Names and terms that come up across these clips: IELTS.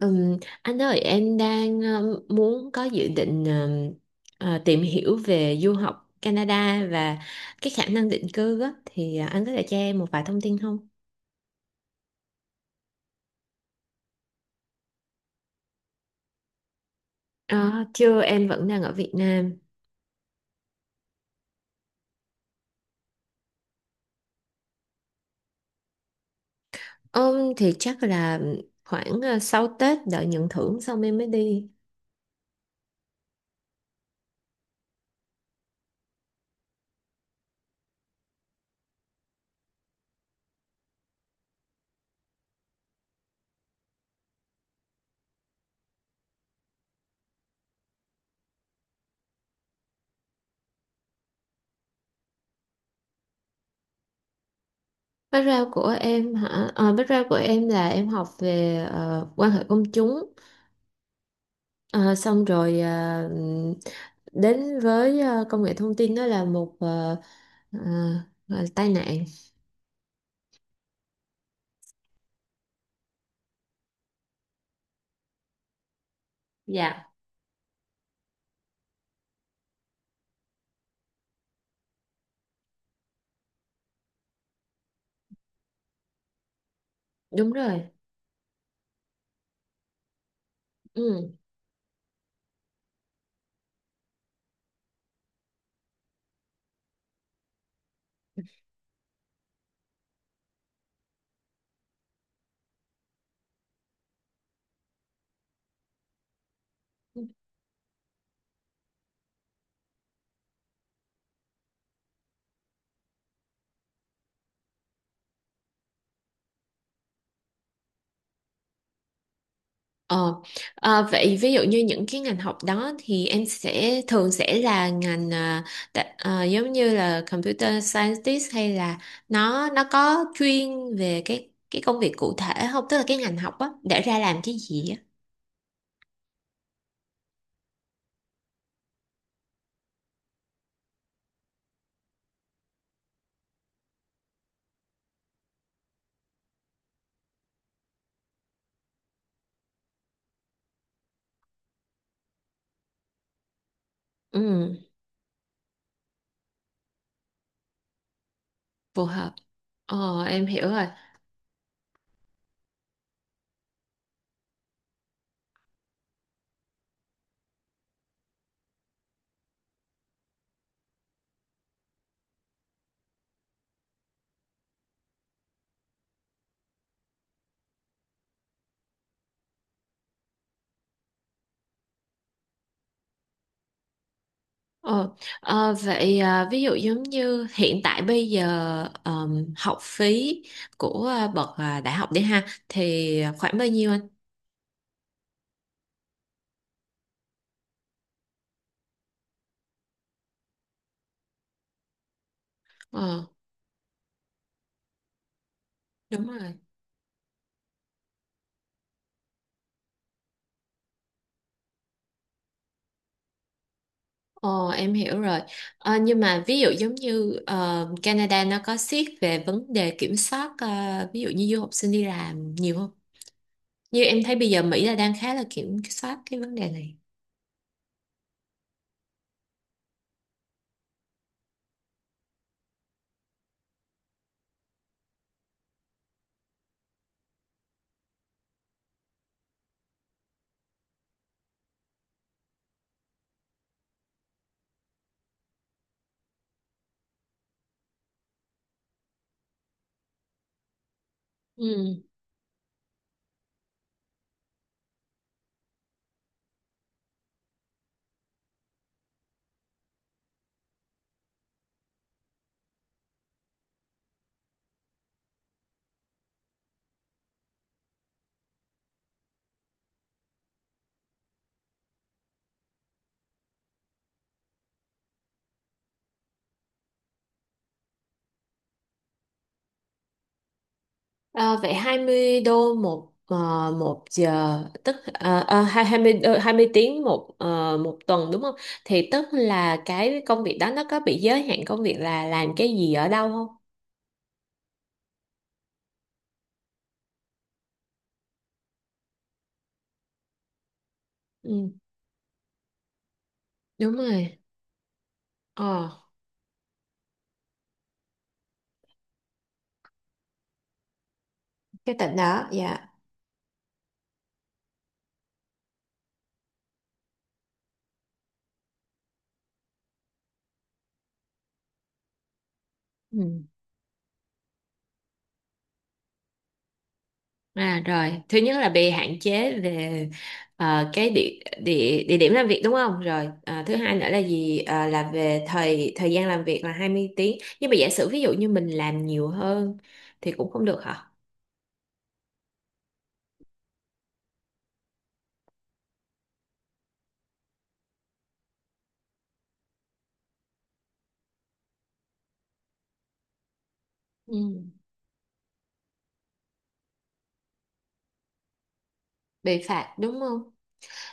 Ừm, anh ơi, em đang muốn có dự định tìm hiểu về du học Canada và cái khả năng định cư á, thì anh có thể cho em một vài thông tin không? Ờ, Chưa, em vẫn đang ở Việt Nam. Thì chắc là khoảng sau Tết đợi nhận thưởng xong em mới đi. Background của em hả? Ờ, Background của em là em học về quan hệ công chúng. Ờ, Xong rồi đến với công nghệ thông tin đó là một à, gọi là tai nạn. Dạ. Đúng rồi. Ừ. Ờ, Vậy ví dụ như những cái ngành học đó thì em sẽ thường sẽ là ngành giống như là computer scientist hay là nó có chuyên về cái công việc cụ thể không? Tức là cái ngành học á để ra làm cái gì á? Ừ, phù hợp. Em hiểu rồi. Ờ, Vậy ví dụ giống như hiện tại bây giờ học phí của bậc đại học đi ha thì khoảng bao nhiêu anh? Ờ, đúng rồi. Ờ, em hiểu rồi. Nhưng mà ví dụ giống như Canada nó có siết về vấn đề kiểm soát ví dụ như du học sinh đi làm nhiều không? Như em thấy bây giờ Mỹ là đang khá là kiểm soát cái vấn đề này. Ừ. À, vậy 20 đô một một giờ, tức 20 20 tiếng một một tuần đúng không? Thì tức là cái công việc đó nó có bị giới hạn công việc là làm cái gì ở đâu không? Ừ, đúng rồi. Ờ, cái tỉnh đó, dạ. Ừ. À rồi, thứ nhất là bị hạn chế về cái địa, địa địa điểm làm việc đúng không? Rồi, thứ hai nữa là gì? À, là về thời thời gian làm việc là 20 tiếng. Nhưng mà giả sử ví dụ như mình làm nhiều hơn thì cũng không được hả? Ừ. Bị phạt đúng không?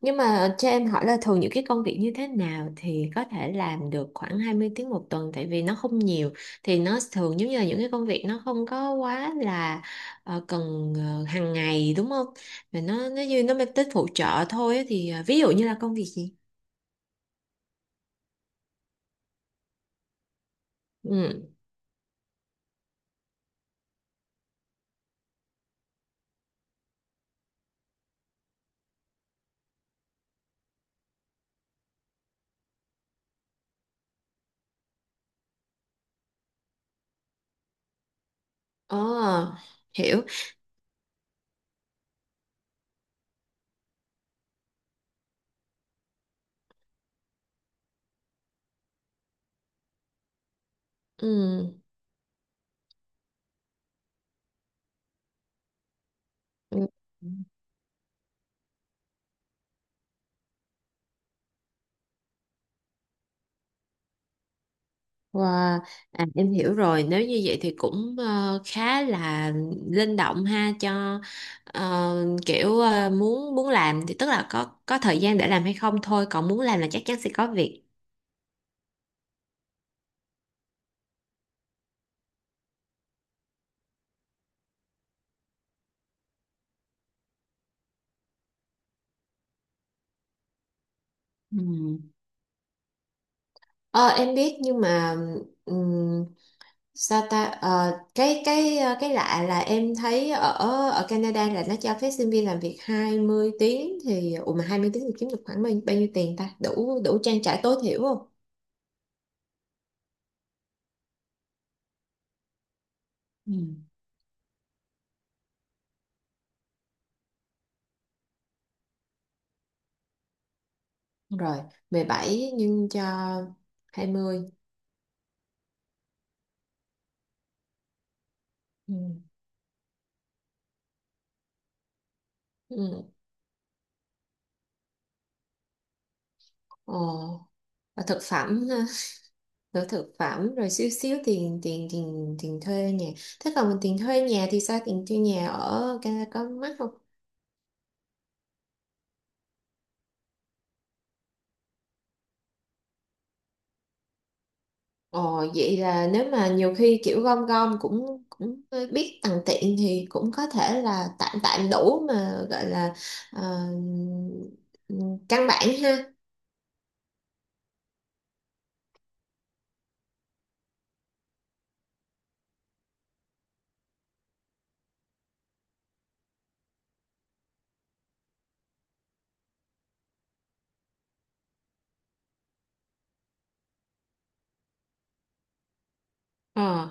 Nhưng mà cho em hỏi là thường những cái công việc như thế nào thì có thể làm được khoảng 20 tiếng một tuần, tại vì nó không nhiều, thì nó thường giống như là những cái công việc nó không có quá là cần hàng ngày đúng không? Và nó như nó mang tính phụ trợ thôi á, thì ví dụ như là công việc gì? Ừ. Ồ, hiểu. Ừ. Ừ. Wow. À, em hiểu rồi, nếu như vậy thì cũng khá là linh động ha cho ờ, kiểu muốn muốn làm thì tức là có thời gian để làm hay không thôi, còn muốn làm là chắc chắn sẽ có việc. Ừ. ờ, em biết nhưng mà ừm, sao ta. Cái lạ là em thấy ở ở Canada là nó cho phép sinh viên làm việc 20 tiếng, thì ủa mà 20 tiếng thì kiếm được khoảng bao nhiêu tiền ta, đủ đủ trang trải tối thiểu không. Rồi 17 nhân cho 20. Ừ. Ừ. Ồ. Và thực phẩm ha, rồi thực phẩm, rồi xíu xíu tiền tiền tiền tiền thuê nhà. Thế còn tiền thuê nhà thì sao, tiền thuê nhà ở Canada có mắc không? Ồ, vậy là nếu mà nhiều khi kiểu gom gom cũng cũng biết tằn tiện thì cũng có thể là tạm tạm đủ mà gọi là ờ, căn bản ha. Ờ.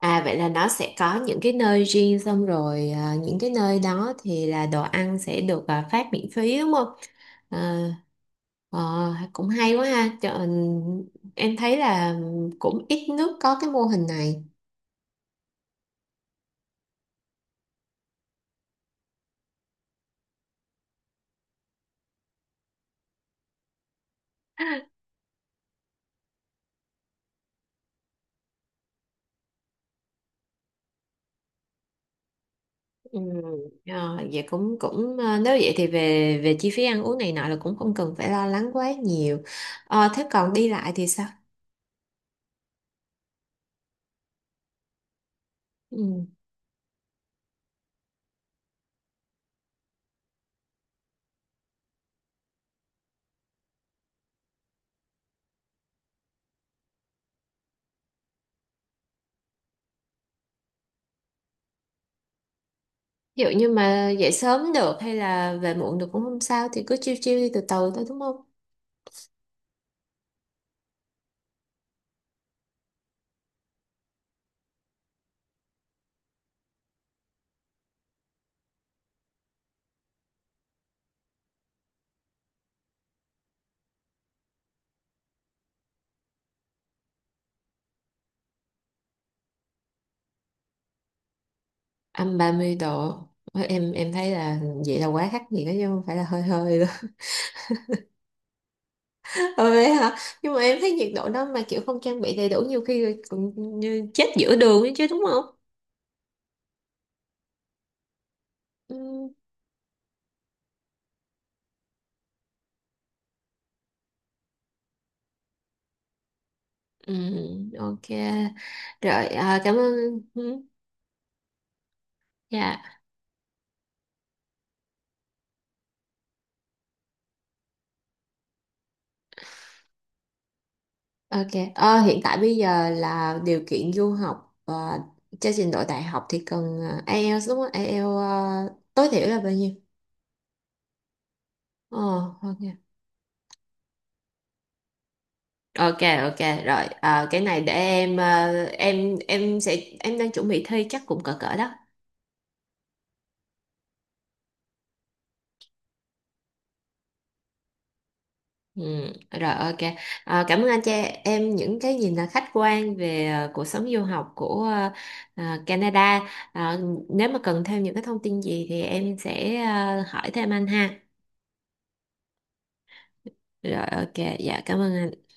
À, vậy là nó sẽ có những cái nơi riêng, xong rồi những cái nơi đó thì là đồ ăn sẽ được phát miễn phí đúng không? À, ờ, cũng hay quá ha. Trời, em thấy là cũng ít nước có cái mô hình này. Ừ. Vậy cũng cũng nếu vậy thì về về chi phí ăn uống này nọ là cũng không cần phải lo lắng quá nhiều. Thế còn đi lại thì sao? Ừ. Ví dụ như mà dậy sớm được hay là về muộn được cũng không sao, thì cứ chiêu chiêu đi từ từ thôi đúng không? -30 độ. Ôi, em thấy là vậy là quá khắc nghiệt đó chứ không phải là hơi hơi đâu. Ôi, vậy hả? Nhưng mà em thấy nhiệt độ đó mà kiểu không trang bị đầy đủ, nhiều khi rồi còn như chết giữa đường ấy chứ, đúng không? Ừ. Ừ. Ok. Rồi cảm ơn. Ừ. Dạ. Ok. Ờ, hiện tại bây giờ là điều kiện du học và cho trình độ đại học thì cần IELTS đúng không? IELTS tối thiểu là bao nhiêu? ờ ok. Ok, ok, rồi. Ờ, cái này để em ờ, em sẽ em đang chuẩn bị thi, chắc cũng cỡ cỡ đó. Ừ. Rồi. Ok. Ờ, cảm ơn anh cho em những cái nhìn là khách quan về cuộc sống du học của Canada. Ờ, nếu mà cần thêm những cái thông tin gì thì em sẽ hỏi thêm anh ha. Rồi. Ok. Dạ, cảm ơn anh.